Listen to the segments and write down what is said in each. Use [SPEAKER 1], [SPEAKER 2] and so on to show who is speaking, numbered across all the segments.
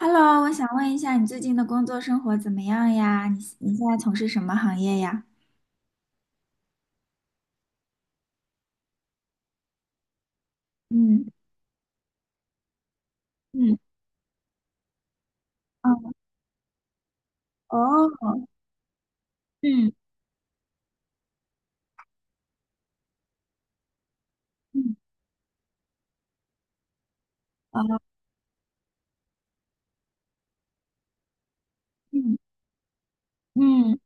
[SPEAKER 1] Hello，我想问一下，你最近的工作生活怎么样呀？你现在从事什么行业呀？嗯。嗯。嗯。哦。嗯。嗯。哦。嗯。嗯。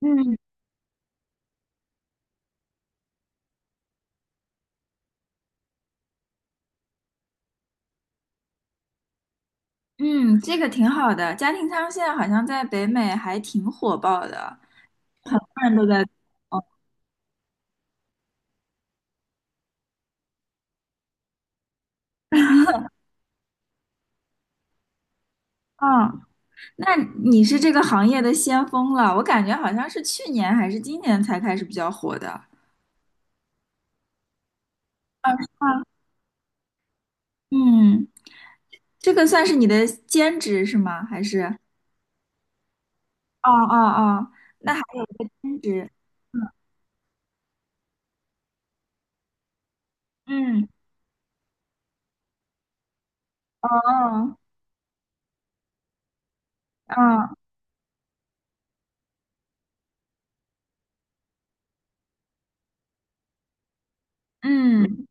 [SPEAKER 1] 嗯。嗯，这个挺好的。家庭舱现在好像在北美还挺火爆的，很多人都在。哦。哦，那你是这个行业的先锋了，我感觉好像是去年还是今年才开始比较火的。啊，是吗？嗯，这个算是你的兼职是吗？还是？哦哦哦，那还有一个兼职。嗯。哦。哦。嗯。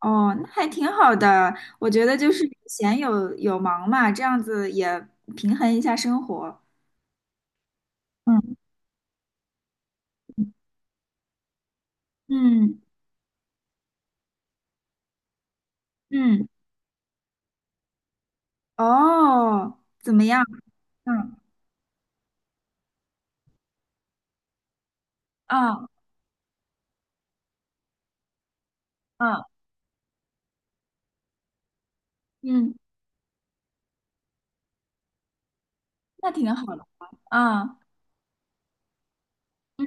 [SPEAKER 1] 哦，那还挺好的。我觉得就是有闲有忙嘛，这样子也平衡一下生活。嗯。嗯。嗯，哦，怎么样？嗯。嗯。嗯。嗯，那挺好的。啊。嗯。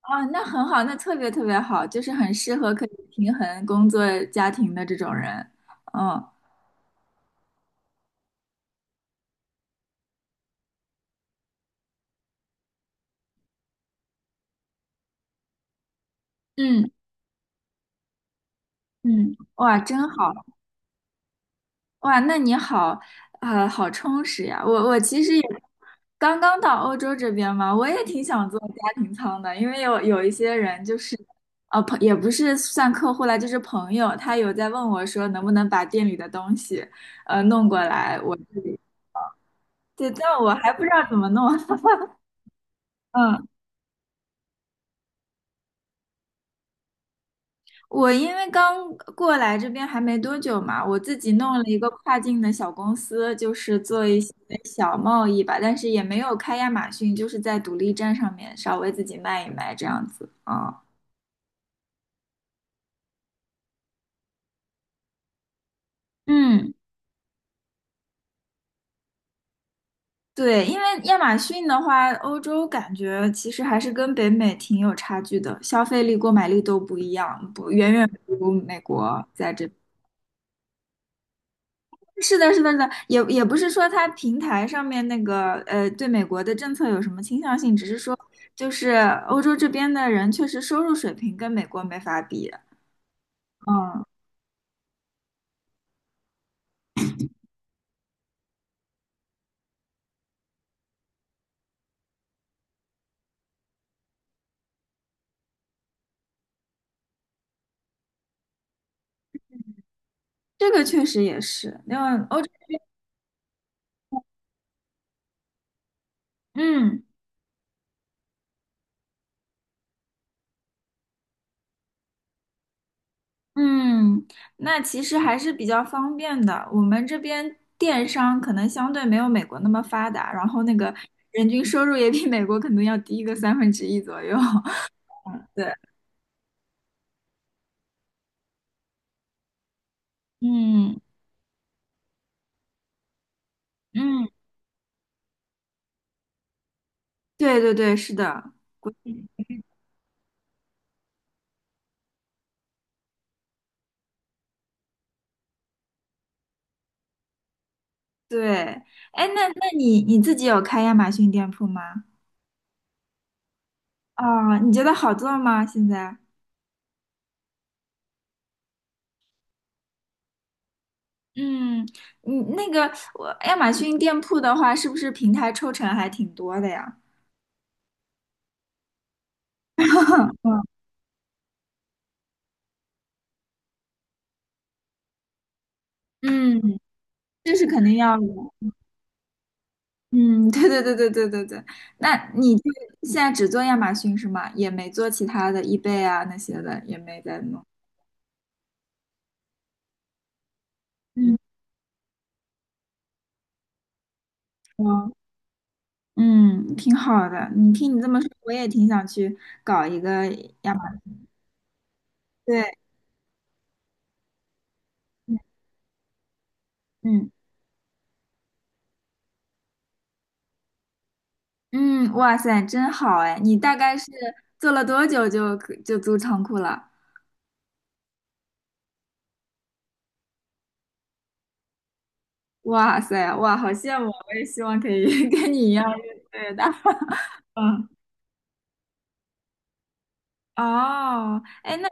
[SPEAKER 1] 啊，那很好，那特别特别好，就是很适合可以平衡工作家庭的这种人。嗯。嗯。嗯，哇，真好。哇，那你好，好充实呀。我其实也刚刚到欧洲这边嘛，我也挺想做家庭舱的，因为有一些人就是，也不是算客户啦，就是朋友，他有在问我说能不能把店里的东西，弄过来，我对，但我还不知道怎么弄。嗯，我因为刚过来这边还没多久嘛，我自己弄了一个跨境的小公司，就是做一些小贸易吧，但是也没有开亚马逊，就是在独立站上面稍微自己卖一卖这样子啊。嗯，对，因为亚马逊的话，欧洲感觉其实还是跟北美挺有差距的，消费力、购买力都不一样，不远远不如美国在这。是的，是的，是的，也不是说它平台上面那个对美国的政策有什么倾向性，只是说就是欧洲这边的人确实收入水平跟美国没法比。嗯，这个确实也是，因为欧洲，嗯。嗯，那其实还是比较方便的。我们这边电商可能相对没有美国那么发达，然后那个人均收入也比美国可能要低个三分之一左右。对。嗯。嗯，对对对，是的。对，哎，那你自己有开亚马逊店铺吗？哦，你觉得好做吗？现在？嗯，你那个我亚马逊店铺的话，是不是平台抽成还挺多的呀？嗯。嗯，这是肯定要的。嗯，对对对对对对对。那你就现在只做亚马逊是吗？也没做其他的 eBay 啊那些的，也没在弄。嗯。哦。嗯，挺好的。你听你这么说，我也挺想去搞一个亚马逊。对。嗯。嗯。嗯，哇塞，真好哎！你大概是做了多久就租仓库了？哇塞，哇，好羡慕啊！我也希望可以 跟你一样越做越大。嗯。哦。哎，那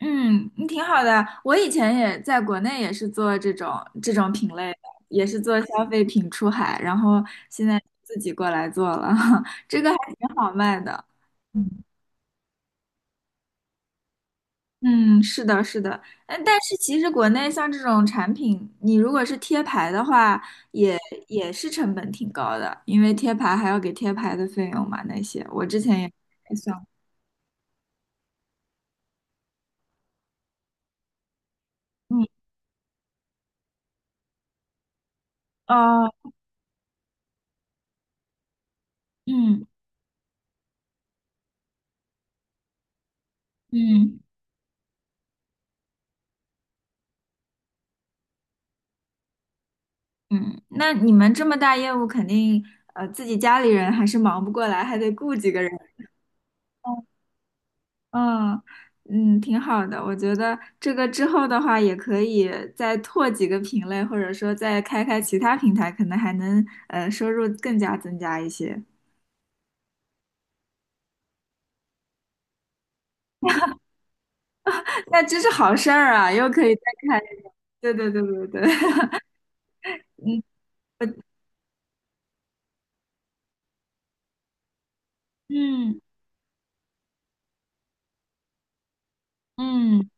[SPEAKER 1] 嗯，你挺好的。我以前也在国内也是做这种品类的，也是做消费品出海，然后现在自己过来做了，这个还挺好卖的。嗯。嗯，是的，是的，嗯，但是其实国内像这种产品，你如果是贴牌的话，也也是成本挺高的，因为贴牌还要给贴牌的费用嘛，那些我之前也算过。嗯。哦。嗯。嗯。嗯，那你们这么大业务，肯定自己家里人还是忙不过来，还得雇几个人。嗯。嗯，挺好的。我觉得这个之后的话，也可以再拓几个品类，或者说再开其他平台，可能还能收入更加增加一些。那这是好事儿啊，又可以再开一个。对对对对对，嗯。嗯。嗯。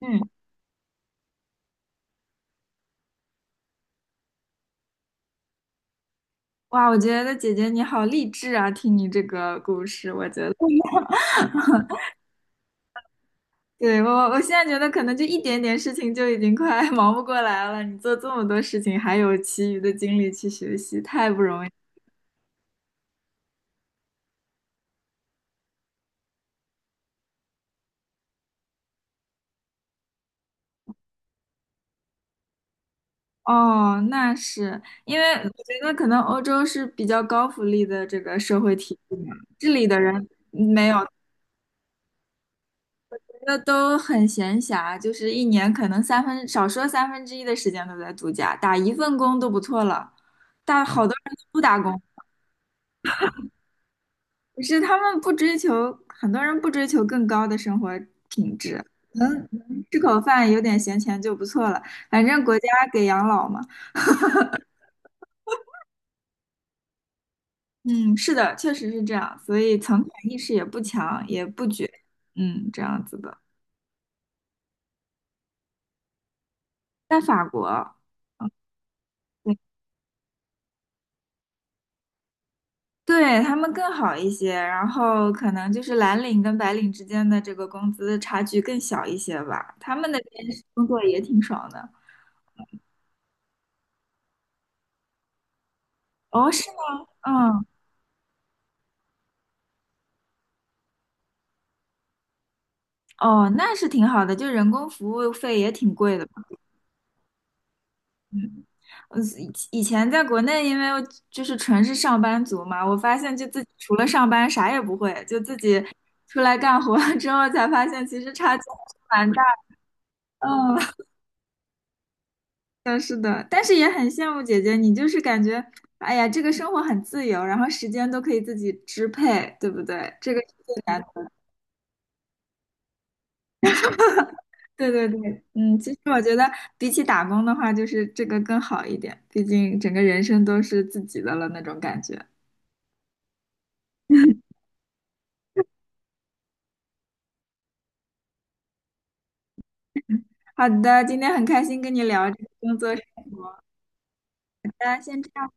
[SPEAKER 1] 嗯，哇，我觉得姐姐你好励志啊，听你这个故事，我觉得。对，我现在觉得可能就一点点事情就已经快 忙不过来了，你做这么多事情，还有其余的精力去学习，太不容易。哦，那是因为我觉得可能欧洲是比较高福利的这个社会体系嘛，这里的人没有，那都很闲暇，就是一年可能三分，少说三分之一的时间都在度假，打一份工都不错了，但好多人都不打工。可是他们不追求，很多人不追求更高的生活品质，能吃口饭，有点闲钱就不错了，反正国家给养老嘛。嗯，是的，确实是这样，所以存款意识也不强，也不卷。嗯，这样子的。在法国。嗯，对。对，他们更好一些，然后可能就是蓝领跟白领之间的这个工资差距更小一些吧。他们那边是工作也挺爽的。哦，是吗？嗯。哦，那是挺好的，就人工服务费也挺贵的。嗯，以前在国内，因为我就是纯是上班族嘛，我发现就自己除了上班啥也不会，就自己出来干活儿之后才发现，其实差距还是蛮大的。嗯，是的，是的，但是也很羡慕姐姐，你就是感觉，哎呀，这个生活很自由，然后时间都可以自己支配，对不对？这个是最难的。对对对，嗯，其实我觉得比起打工的话，就是这个更好一点，毕竟整个人生都是自己的了那种感觉。好的，今天很开心跟你聊这个工作生活，大家先这样。